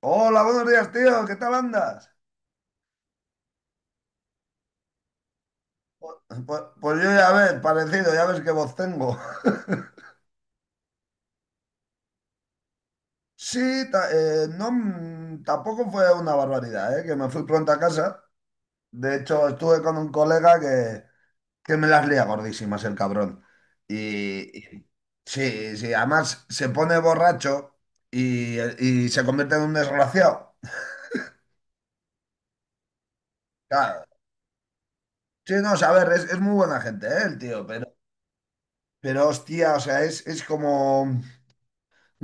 Hola, buenos días, tío. ¿Qué tal andas? Pues, pues yo ya ves, parecido, ya ves qué voz tengo. Sí, no, tampoco fue una barbaridad, ¿eh? Que me fui pronto a casa. De hecho, estuve con un colega que me las lía gordísimas, el cabrón. Y, y- sí, sí, además se pone borracho y se convierte en un desgraciado. Claro. Sí, no, o sea, a ver, es muy buena gente, ¿eh? El tío, pero hostia, o sea, es como.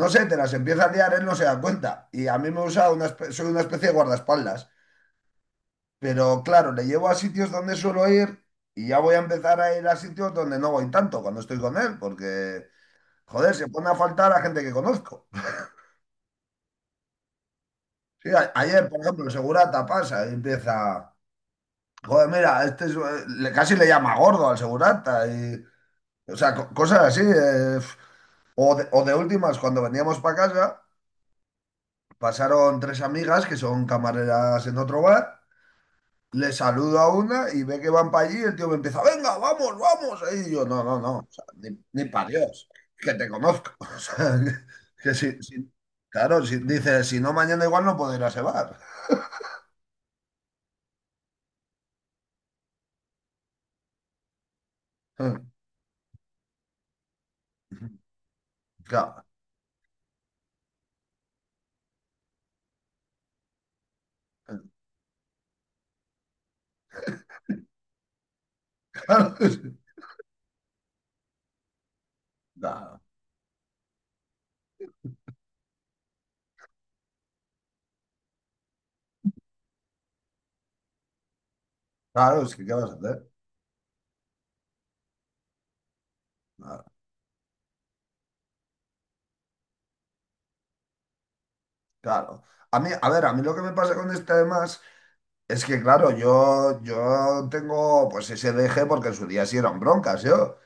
No sé, te las empieza a liar, él no se da cuenta. Y a mí me usa, soy una especie de guardaespaldas. Pero claro, le llevo a sitios donde suelo ir y ya voy a empezar a ir a sitios donde no voy tanto cuando estoy con él, porque, joder, se pone a faltar a gente que conozco. Sí, ayer, por ejemplo, el segurata pasa y empieza, joder, mira, le, casi le llama gordo al segurata. Y, o sea, cosas así. O de últimas, cuando veníamos para casa, pasaron tres amigas que son camareras en otro bar. Le saludo a una y ve que van para allí y el tío me empieza, venga, vamos, vamos. Y yo, no, no, no, o sea, ni para Dios, que te conozco. O sea, que si, si- claro, si, dice, si no, mañana igual no puedo ir a ese bar. Claro, claro, sí, claro, claro, es que ¿qué vas a hacer? Claro, claro. A mí, a ver, a mí lo que me pasa con este además. Es que claro, yo tengo pues ese deje porque en su día sí eran broncas, yo,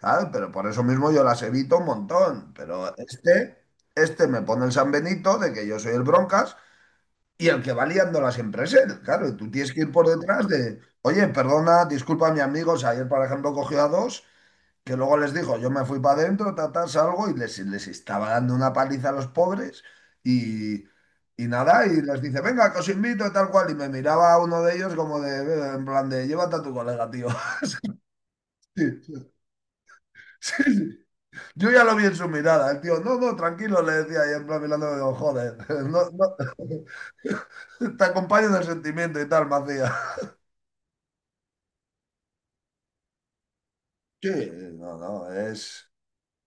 ¿sabes? Pero por eso mismo yo las evito un montón. Pero este me pone el San Benito de que yo soy el broncas y el que va liándola siempre es él, claro. Y tú tienes que ir por detrás de, oye, perdona, disculpa mi amigo, o sea, ayer por ejemplo cogió a dos que luego les dijo, yo me fui para adentro, ta, ta, salgo y les estaba dando una paliza a los pobres y, y nada, y les dice, venga, que os invito, tal cual, y me miraba a uno de ellos como de, en plan de, llévate a tu colega, tío. Sí, sí, sí. Yo ya lo vi en su mirada, el tío, no, no, tranquilo, le decía, y en plan mirándome, digo, joder, no, no, te acompaño en el sentimiento y tal, me hacía. Sí, no, no, es,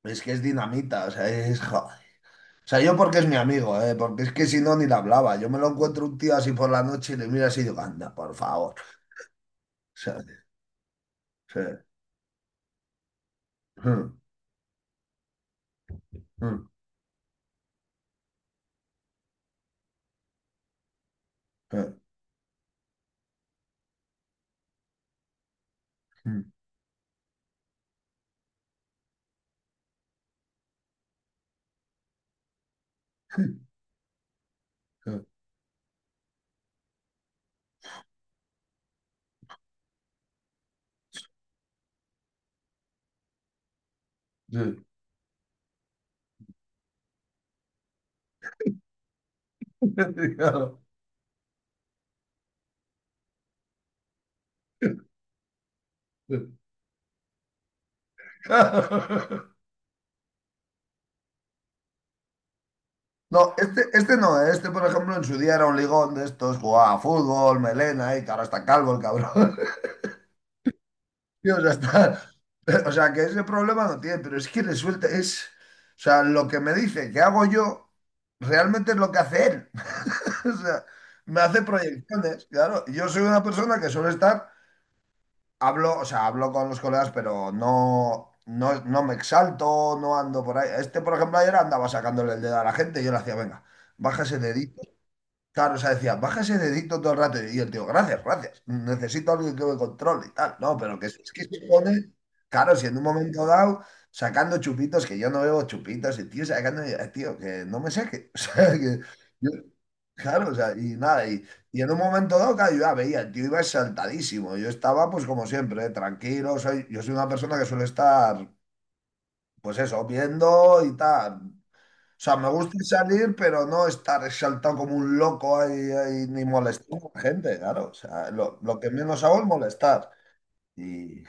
es que es dinamita, o sea, es, joder. O sea, yo porque es mi amigo, ¿eh? Porque es que si no, ni le hablaba. Yo me lo encuentro un tío así por la noche y le miro así y digo, anda, por favor. O sea, sí, mm, mm, sí, sí. Claro. No, este no, ¿eh? Este, por ejemplo, en su día era un ligón de estos, jugaba a fútbol, melena, y que ahora está calvo el cabrón. Y, o sea, o sea, que ese problema no tiene, pero es que le suelta, o sea, lo que me dice que hago yo, realmente es lo que hace él. O sea, me hace proyecciones, claro. Yo soy una persona que suele estar, hablo, o sea, hablo con los colegas, pero no, no, no me exalto, no ando por ahí. Este, por ejemplo, ayer andaba sacándole el dedo a la gente y yo le hacía, venga, baja ese dedito. Claro, o sea, decía, baja ese dedito todo el rato. Y el tío, gracias, gracias. Necesito a alguien que me controle y tal. No, pero que es que se pone, claro, si en un momento dado, sacando chupitos, que yo no bebo chupitos, y tío, sacando, tío, que no me saque. O sea, que... Claro, o sea, y nada, y en un momento dado, claro, yo ya veía, el tío iba exaltadísimo. Yo estaba, pues como siempre, ¿eh? Tranquilo. Soy, yo soy una persona que suele estar, pues eso, viendo y tal. O sea, me gusta salir, pero no estar exaltado como un loco ahí, ahí, ni molestar a la gente, claro. O sea, lo que menos hago es molestar. Y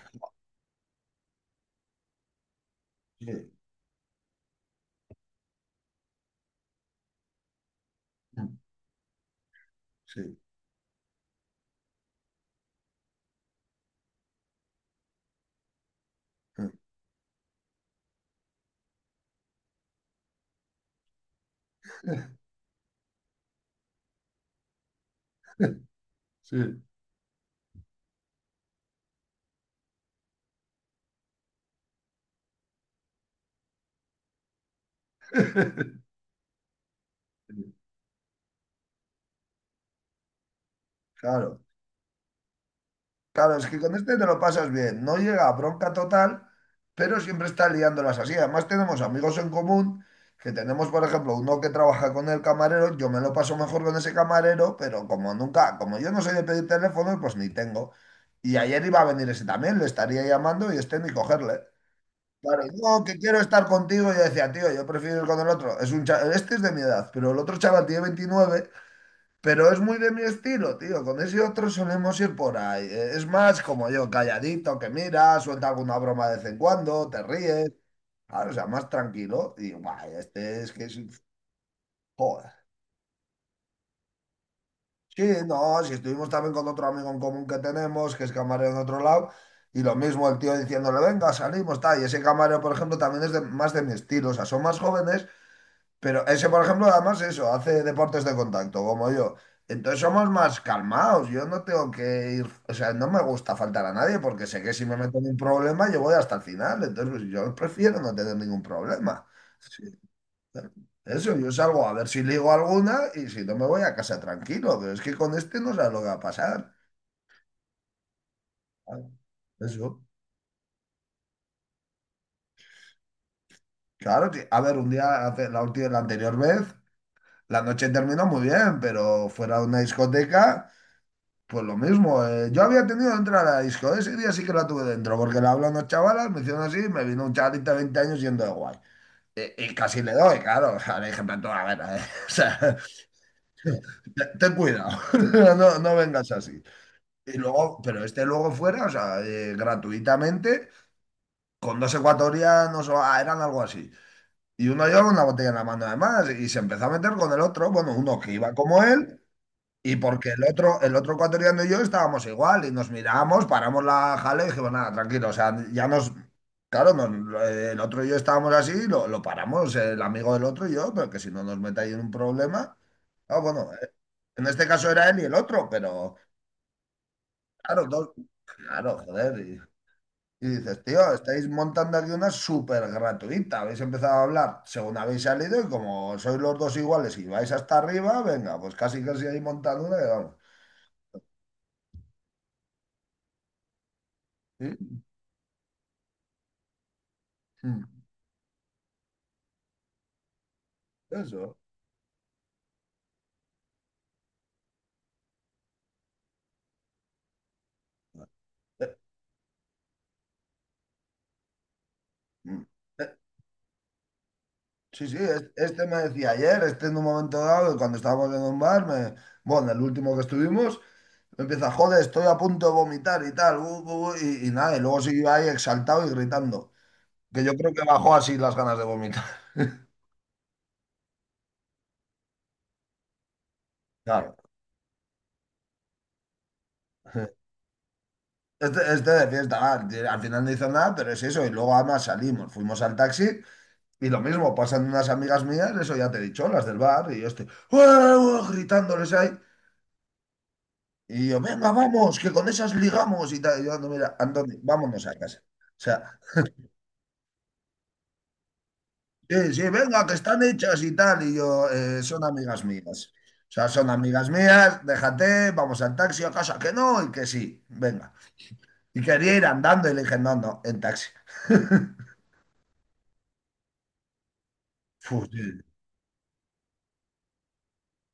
sí, sí, sí, claro. Claro, es que con este te lo pasas bien. No llega a bronca total, pero siempre está liándolas así. Además, tenemos amigos en común, que tenemos, por ejemplo, uno que trabaja con el camarero. Yo me lo paso mejor con ese camarero, pero como nunca, como yo no soy de pedir teléfonos, pues ni tengo. Y ayer iba a venir ese también, le estaría llamando y este ni cogerle. Claro, no, que quiero estar contigo. Yo decía, tío, yo prefiero ir con el otro. Este es de mi edad, pero el otro chaval tiene 29. Pero es muy de mi estilo, tío. Con ese otro solemos ir por ahí. Es más como yo, calladito, que mira, suelta alguna broma de vez en cuando, te ríes. Claro, o sea, más tranquilo. Y guay, este es que es... Joder. Sí, no, si estuvimos también con otro amigo en común que tenemos, que es camarero en otro lado, y lo mismo el tío diciéndole, venga, salimos, tal. Y ese camarero, por ejemplo, también más de mi estilo. O sea, son más jóvenes. Pero ese, por ejemplo, además eso, hace deportes de contacto, como yo. Entonces somos más calmados. Yo no tengo que ir, o sea, no me gusta faltar a nadie porque sé que si me meto en un problema yo voy hasta el final. Entonces pues, yo prefiero no tener ningún problema. Sí, claro. Eso, yo salgo a ver si ligo alguna y si no me voy a casa tranquilo. Pero es que con este no sabes lo que va a pasar. Claro. Eso. Claro, que- a ver, un día, hace- la última, la anterior vez, la noche terminó muy bien, pero fuera de una discoteca. Pues lo mismo, yo había tenido que entrar a la disco, ese día sí que la tuve dentro, porque le hablé a unos chavalas, me hicieron así, y me vino un chavalito de 20 años yendo de guay. Y casi le doy, claro, o sea, le dije, pero tú, a ver, o sea, ten cuidado, no, no vengas así. Y luego, pero este luego fuera, o sea, gratuitamente, con dos ecuatorianos, o eran algo así. Y uno llevaba una botella en la mano además, y se empezó a meter con el otro, bueno, uno que iba como él. Y porque el otro ecuatoriano y yo estábamos igual y nos miramos, paramos la jale y dijimos, nada, tranquilo, o sea, ya nos, claro, el otro y yo estábamos así, lo paramos, el amigo del otro y yo, pero que si no nos metáis en un problema, ah, bueno, en este caso era él y el otro, pero claro, claro, joder, y dices, tío, estáis montando aquí una súper gratuita, habéis empezado a hablar según habéis salido y como sois los dos iguales y vais hasta arriba, venga, pues casi casi ahí montando una y vamos. Sí, mm, eso. eh, mm, eh, Sí, sí, este me decía ayer, este en un momento dado, que cuando estábamos en un bar, bueno, el último que estuvimos, me empieza, joder, estoy a punto de vomitar y tal, y nada, y luego siguió ahí exaltado y gritando, que yo creo que bajó así las ganas de vomitar. Claro. Este de fiesta, ah, que al final no hizo nada, pero es eso, y luego además salimos, fuimos al taxi y lo mismo, pasan unas amigas mías, eso ya te he dicho, las del bar, y yo estoy, "Uah, uah", gritándoles ahí. Y yo, venga, vamos, que con esas ligamos y tal. Y yo, "Ando, mira, Antonio, vámonos a casa. O sea, sí, sí, venga, que están hechas y tal. Y yo, son amigas mías. O sea, son amigas mías, déjate, vamos al taxi a casa, que no, y que sí, venga. Y quería ir andando y le dije, no, no, en taxi. Fu, sí,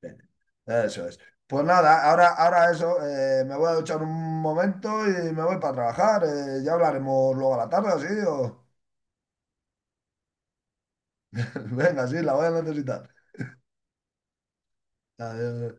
sí. Eso es. Pues nada, ahora eso, me voy a duchar un momento y me voy para trabajar. Ya hablaremos luego a la tarde, ¿sí? O... Venga, sí, la voy a necesitar. Adiós.